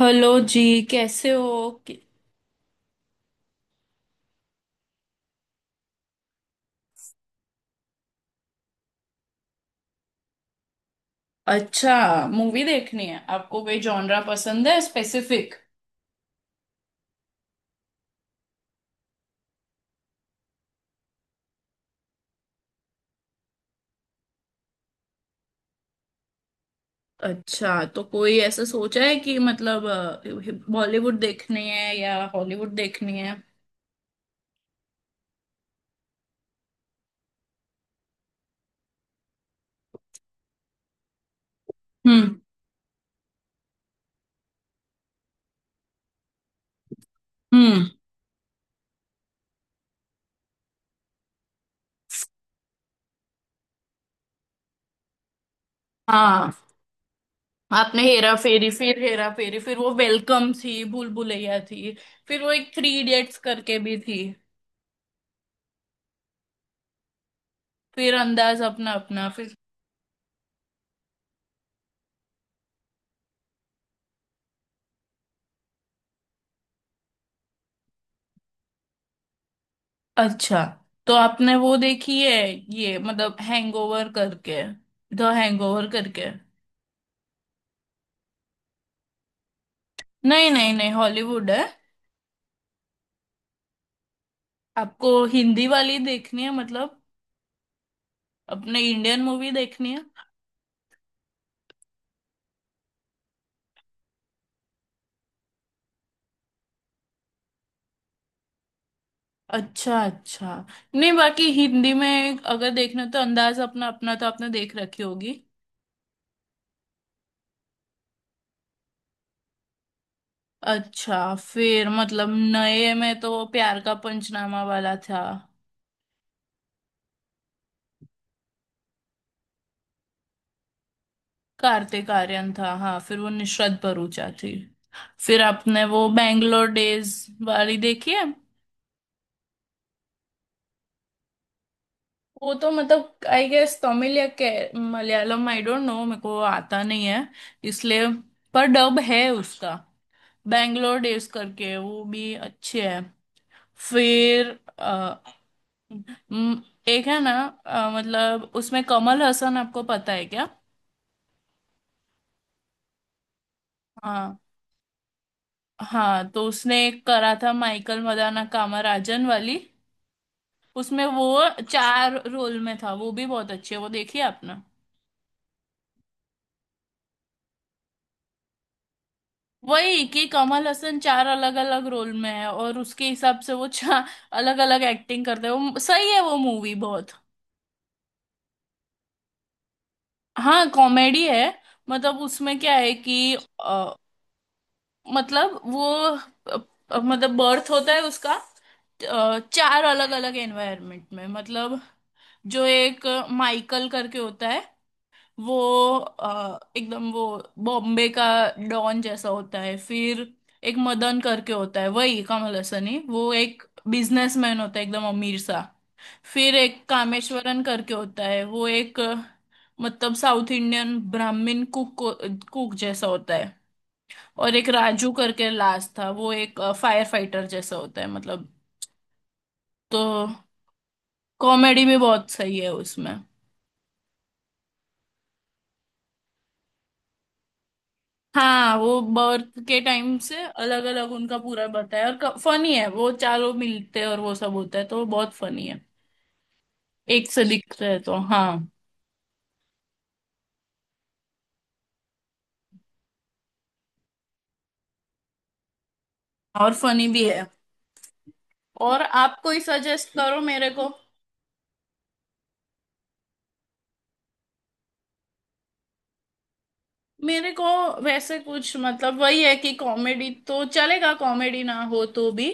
Hello जी। कैसे हो अच्छा। मूवी देखनी है आपको? कोई जॉनरा पसंद है स्पेसिफिक? अच्छा, तो कोई ऐसा सोचा है कि मतलब बॉलीवुड देखनी है या हॉलीवुड देखनी है? हम्म। हम्म। हाँ। आपने हेरा फेरी, फिर हेरा फेरी, फिर वो वेलकम थी, भूल भुलैया थी, फिर वो एक थ्री इडियट्स करके भी थी। फिर अंदाज अपना अपना। फिर अच्छा, तो आपने वो देखी है, ये मतलब हैंगओवर करके, द हैंगओवर करके? नहीं, नहीं, नहीं, हॉलीवुड है। आपको हिंदी वाली देखनी है मतलब? अपने इंडियन मूवी देखनी है? अच्छा, अच्छा। नहीं, बाकी हिंदी में अगर देखना तो अंदाज अपना अपना तो आपने देख रखी होगी। अच्छा फिर मतलब, नए में तो प्यार का पंचनामा वाला था। कार्तिक आर्यन था, हाँ। फिर वो निशरत भरूचा थी। फिर आपने वो बैंगलोर डेज वाली देखी है? वो तो मतलब आई गेस तमिल या के मलयालम, आई डोंट नो, मेरे को आता नहीं है इसलिए। पर डब है उसका। बैंगलोर डेज करके वो भी अच्छे है। फिर अ, म, एक है ना? मतलब उसमें कमल हसन आपको पता है क्या? हाँ। हाँ, तो उसने एक करा था, माइकल मदाना कामराजन वाली। उसमें वो चार रोल में था। वो भी बहुत अच्छी है, वो देखिए आपने। वही कि कमल हसन चार अलग अलग रोल में है, और उसके हिसाब से वो चार अलग अलग एक्टिंग करते हैं। वो सही है, वो मूवी बहुत हाँ कॉमेडी है। मतलब उसमें क्या है कि अ, मतलब वो अ, मतलब बर्थ होता है उसका, चार अलग अलग एनवायरनमेंट में, मतलब जो एक माइकल करके होता है, वो एकदम वो बॉम्बे का डॉन जैसा होता है। फिर एक मदन करके होता है, वही कमल हसन ही, वो एक बिजनेसमैन होता है एकदम अमीर सा। फिर एक कामेश्वरन करके होता है, वो एक मतलब साउथ इंडियन ब्राह्मण कुक कुक जैसा होता है। और एक राजू करके लास्ट था, वो एक फायर फाइटर जैसा होता है मतलब। तो कॉमेडी भी बहुत सही है उसमें। हाँ, वो बर्थ के टाइम से अलग अलग उनका पूरा बताया और फनी है। वो चारों मिलते हैं और वो सब होता है, तो वो बहुत फनी है। एक से दिख रहे तो हाँ, और फनी भी है। और आप कोई सजेस्ट करो मेरे को। मेरे को वैसे कुछ मतलब वही है कि कॉमेडी तो चलेगा, कॉमेडी ना हो तो भी,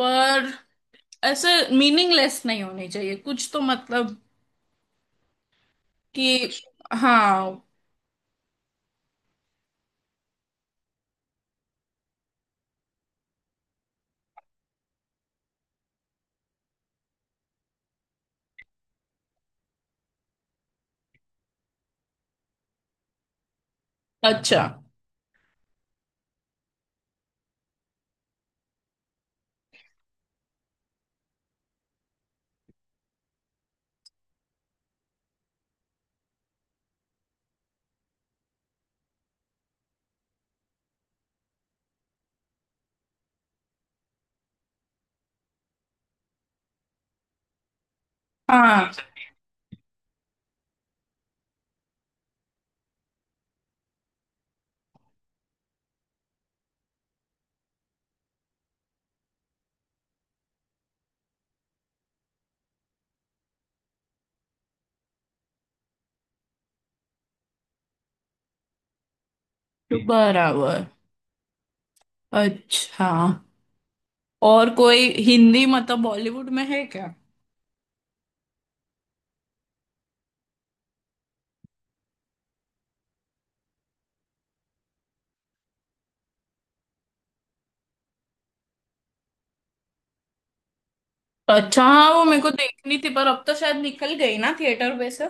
पर ऐसे मीनिंगलेस नहीं होनी चाहिए कुछ तो मतलब, कि हाँ। अच्छा। हाँ। बराबर। अच्छा, और कोई हिंदी मतलब बॉलीवुड में है क्या? अच्छा हाँ, वो मेरे को देखनी थी, पर अब तो शायद निकल गई ना थिएटर पे से।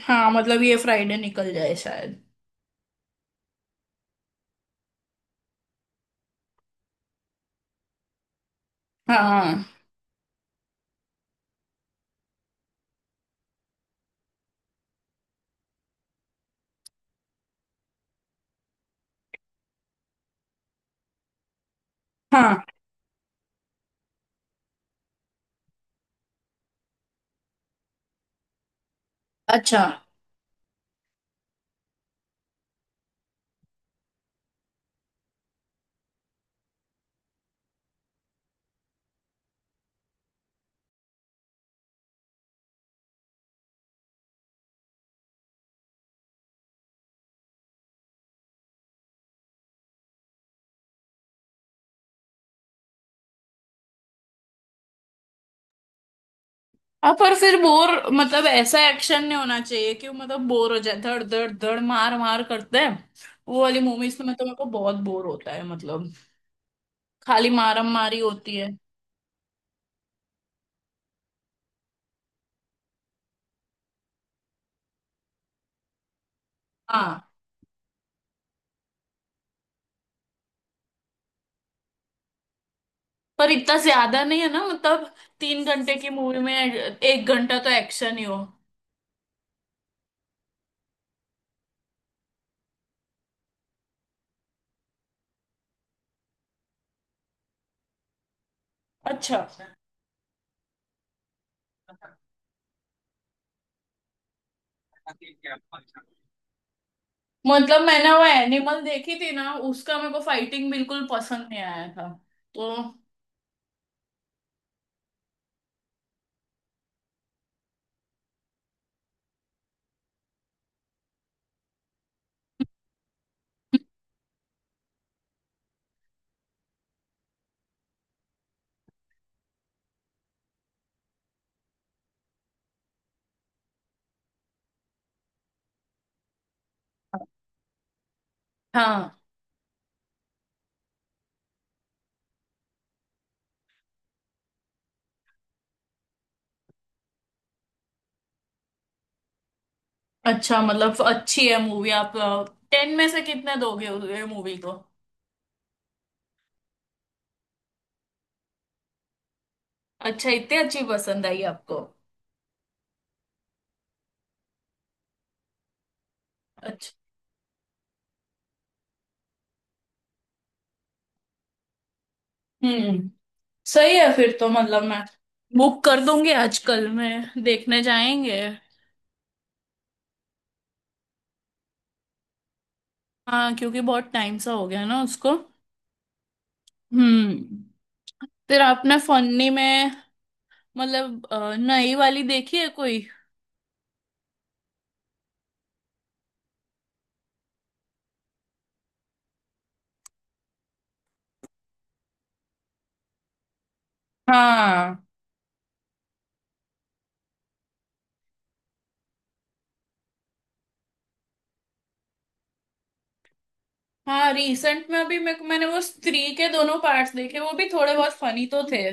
हाँ, मतलब ये फ्राइडे निकल जाए शायद। हाँ। हाँ। अच्छा। हाँ पर फिर बोर, मतलब ऐसा एक्शन नहीं होना चाहिए कि वो मतलब बोर हो जाए, धड़ धड़ धड़ मार मार करते हैं। वो वाली मूवीज तो मैं तो, मेरे को बहुत बोर होता है मतलब, खाली मारम मारी होती है। हाँ पर इतना ज्यादा नहीं है ना मतलब, 3 घंटे की मूवी में 1 घंटा तो एक्शन ही हो। अच्छा, मतलब मैंने वो एनिमल देखी थी ना, उसका मेरे को फाइटिंग बिल्कुल पसंद नहीं आया था तो। हाँ। अच्छा, मतलब अच्छी है मूवी? आप 10 में से कितने दोगे ये मूवी को? अच्छा, इतनी अच्छी पसंद आई आपको? अच्छा। हम्म, सही है फिर तो, मतलब मैं बुक कर दूंगी आजकल, मैं देखने जाएंगे। हाँ, क्योंकि बहुत टाइम सा हो गया ना उसको। हम्म। फिर आपने फन्नी में मतलब नई वाली देखी है कोई? हाँ। हाँ, रिसेंट में अभी मैंने वो स्त्री के दोनों पार्ट्स देखे, वो भी थोड़े बहुत फनी तो थे।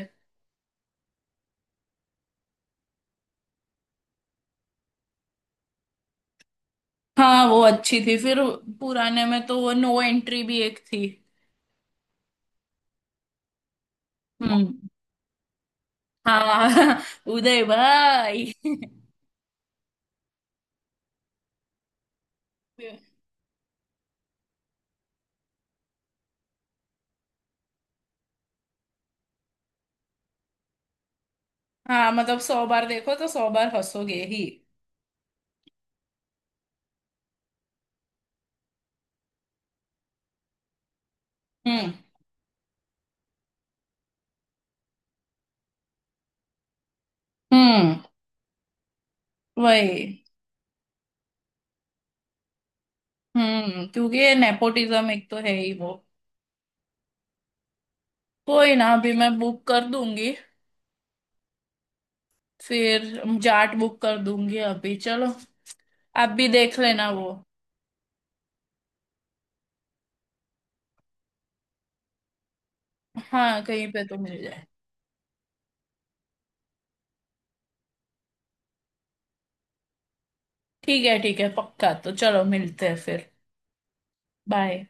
हाँ, वो अच्छी थी। फिर पुराने में तो वो नो एंट्री भी एक थी। हम्म। हाँ। उदय भाई। हाँ मतलब, 100 बार देखो तो 100 बार हंसोगे ही। हम्म। हम्म। वही। हम्म, क्योंकि ये नेपोटिज्म एक तो है ही वो। कोई ना, अभी मैं बुक कर दूंगी फिर। जाट बुक कर दूंगी अभी, चलो। आप भी देख लेना वो। हाँ, कहीं पे तो मिल जाए। ठीक है। ठीक है पक्का, तो चलो मिलते हैं फिर। बाय।